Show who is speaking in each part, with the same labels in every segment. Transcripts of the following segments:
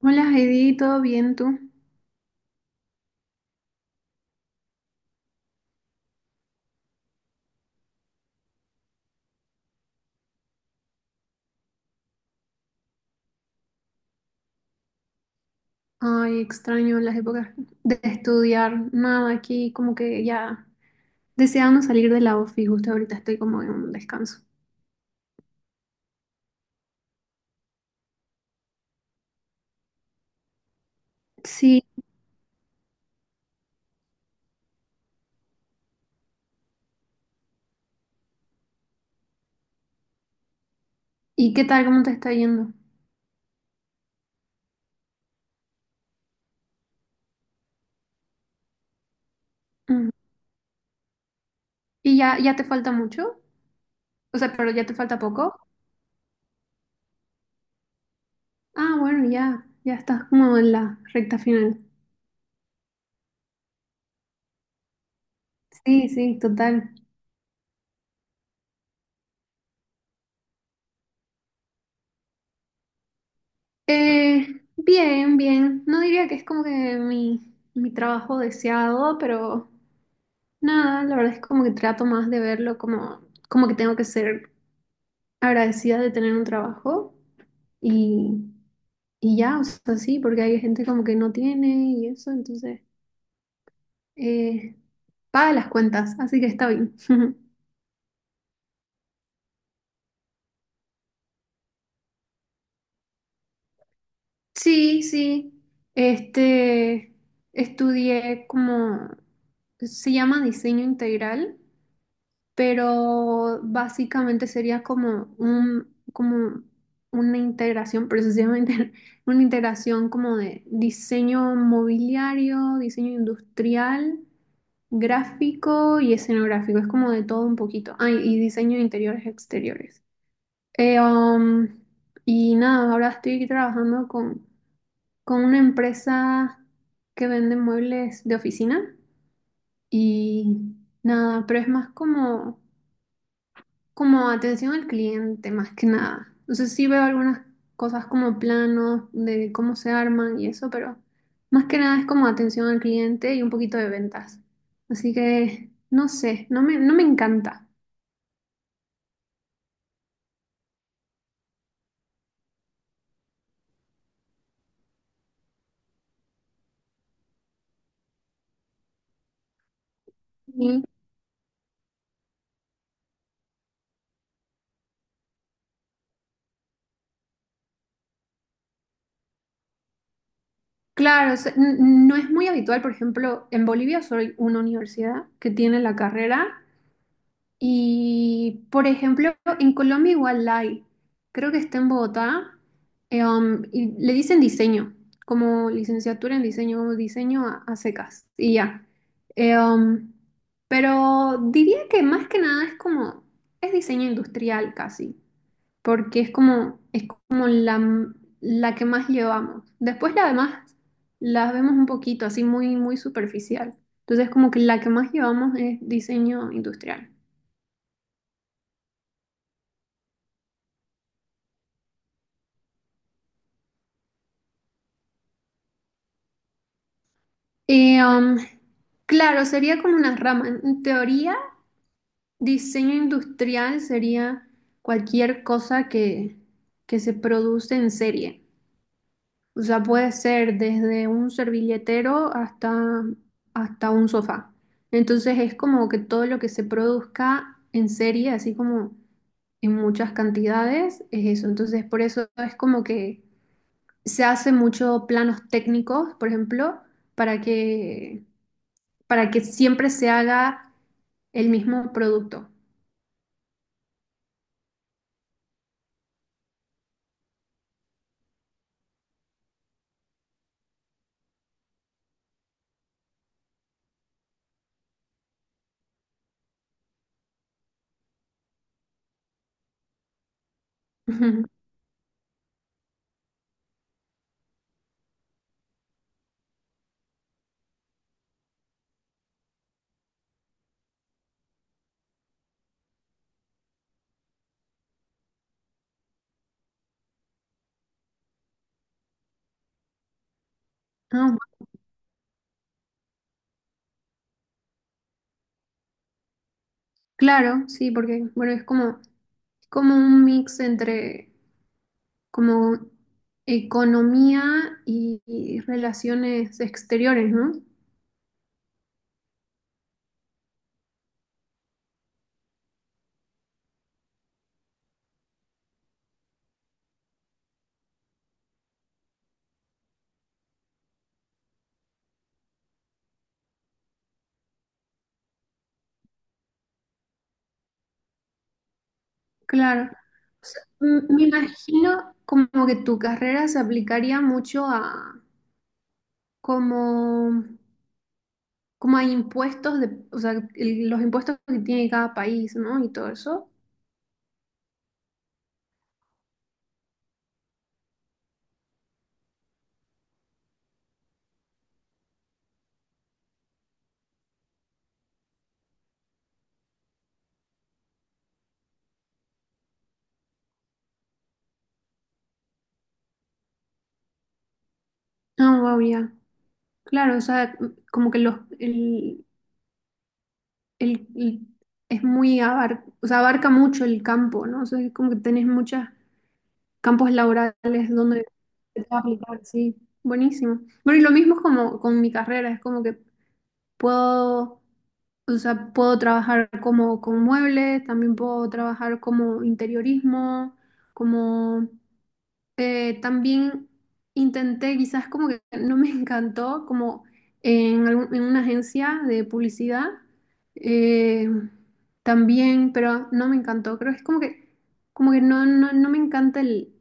Speaker 1: Hola Heidi, ¿todo bien tú? Ay, extraño las épocas de estudiar, nada, aquí como que ya deseando salir de la ofi, justo ahorita estoy como en un descanso. Sí, ¿y qué tal? ¿Cómo te está yendo? Ujú. ¿Y ya, ya te falta mucho? O sea, pero ya te falta poco. Ah, bueno, ya, ya estás como en la recta final. Sí, sí, total. Bien, bien. No diría que es como que mi trabajo deseado, pero nada, la verdad es como que trato más de verlo como, como que tengo que ser agradecida de tener un trabajo y, y ya, o sea, sí, porque hay gente como que no tiene y eso, entonces eh, paga las cuentas, así que está bien. Sí, sí, este, estudié como, se llama diseño integral pero básicamente sería como una integración, pero eso se llama una integración como de diseño mobiliario, diseño industrial, gráfico y escenográfico, es como de todo un poquito. Ah, y diseño de interiores exteriores. Eh, um, y nada, ahora estoy trabajando con una empresa que vende muebles de oficina y nada, pero es más como atención al cliente más que nada. Entonces sí veo algunas cosas como planos de cómo se arman y eso, pero más que nada es como atención al cliente y un poquito de ventas. Así que no sé, no me encanta. Y claro, o sea, no es muy habitual, por ejemplo, en Bolivia soy una universidad que tiene la carrera. Y, por ejemplo, en Colombia igual hay, creo que está en Bogotá, y le dicen diseño, como licenciatura en diseño, como diseño a secas, y ya. Eh, um, pero diría que más que nada es como, es diseño industrial casi, porque es como la que más llevamos. Después la demás las vemos un poquito, así muy, muy superficial. Entonces como que la que más llevamos es diseño industrial. Y, claro, sería como una rama. En teoría, diseño industrial sería cualquier cosa que se produce en serie. O sea, puede ser desde un servilletero hasta un sofá. Entonces es como que todo lo que se produzca en serie, así como en muchas cantidades, es eso. Entonces por eso es como que se hace mucho planos técnicos, por ejemplo, para que para que siempre se haga el mismo producto. Ujú. Ah, claro, sí, porque bueno, es como un mix entre como economía y relaciones exteriores, ¿no? Claro. O sea, me imagino como que tu carrera se aplicaría mucho a como, como a impuestos de, o sea, los impuestos que tiene cada país, ¿no? Y todo eso. Ah, wow, ya. Claro, o sea, como que los, el- es muy o sea, abarca mucho el campo, ¿no? O sea, es como que tenés muchos campos laborales donde te puedes aplicar, sí, buenísimo. Bueno, y lo mismo es como con mi carrera, es como que puedo, o sea, puedo trabajar como con muebles, también puedo trabajar como interiorismo, como también intenté, quizás como que no me encantó, como en una agencia de publicidad, eh, también, pero no me encantó. Creo que es como que no me encanta el,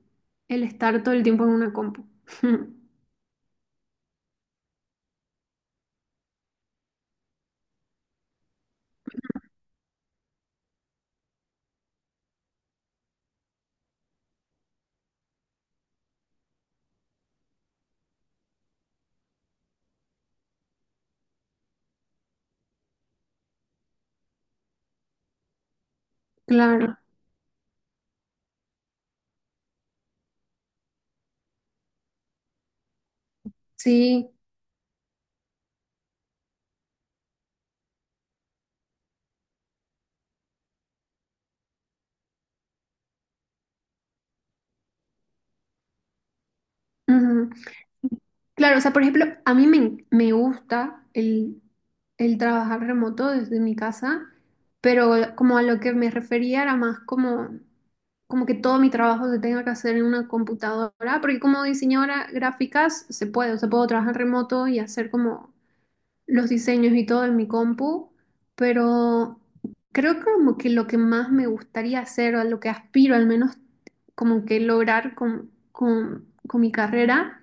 Speaker 1: el estar todo el tiempo en una compu. Claro, sí. Ujú. Claro, o sea, por ejemplo, a mí me gusta el trabajar remoto desde mi casa, pero como a lo que me refería era más como que todo mi trabajo se tenga que hacer en una computadora, porque como diseñadora gráficas se puede, o sea, puedo trabajar remoto y hacer como los diseños y todo en mi compu, pero creo que como que lo que más me gustaría hacer, o a lo que aspiro al menos como que lograr con mi carrera,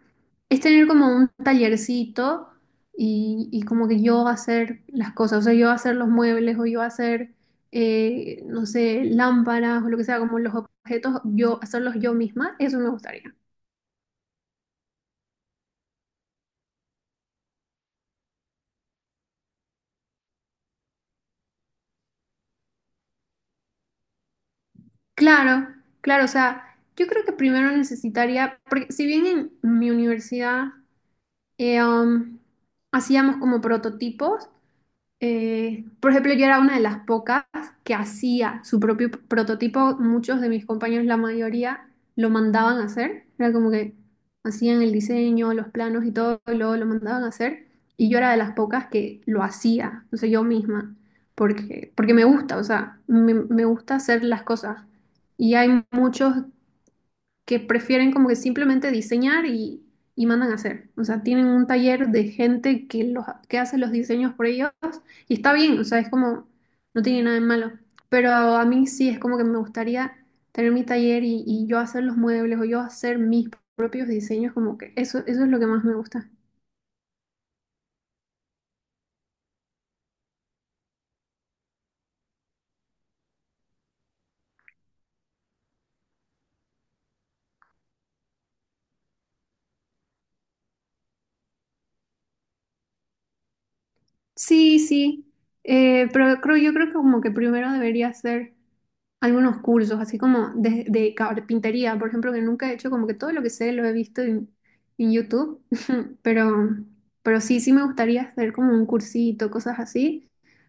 Speaker 1: es tener como un tallercito y como que yo hacer las cosas, o sea, yo hacer los muebles o yo hacer, no sé, lámparas o lo que sea, como los objetos, yo hacerlos yo misma, eso me gustaría. Claro, claro, o sea, yo creo que primero necesitaría, porque si bien en mi universidad eh, um, hacíamos como prototipos, por ejemplo, yo era una de las pocas que hacía su propio prototipo. Muchos de mis compañeros, la mayoría, lo mandaban a hacer. Era como que hacían el diseño, los planos y todo, y luego lo mandaban a hacer. Y yo era de las pocas que lo hacía, o sea, yo misma, porque me gusta, o sea, me gusta hacer las cosas. Y hay muchos que prefieren como que simplemente diseñar y mandan a hacer. O sea, tienen un taller de gente que hace los diseños por ellos y está bien, o sea, es como, no tiene nada de malo. Pero a mí sí es como que me gustaría tener mi taller y yo hacer los muebles o yo hacer mis propios diseños, como que eso es lo que más me gusta. Sí, sí, pero yo creo que como que primero debería hacer algunos cursos, así como de carpintería, por ejemplo, que nunca he hecho, como que todo lo que sé lo he visto en YouTube, pero, pero sí, sí me gustaría hacer como un cursito, cosas así,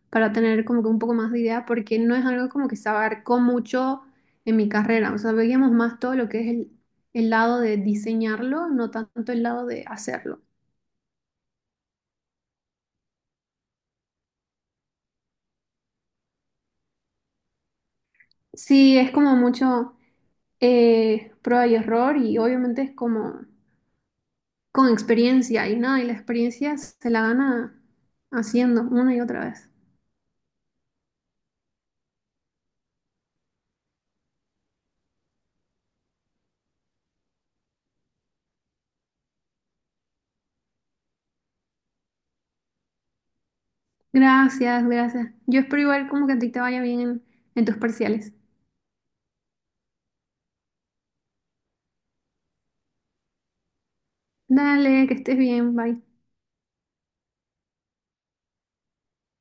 Speaker 1: para tener como que un poco más de idea, porque no es algo como que se abarcó mucho en mi carrera, o sea, veíamos más todo lo que es el lado de diseñarlo, no tanto el lado de hacerlo. Sí, es como mucho prueba y error y obviamente es como con experiencia y nada, y la experiencia se la gana haciendo una y otra vez. Gracias, gracias. Yo espero igual como que a ti te vaya bien en tus parciales. Dale, que estés bien, bye.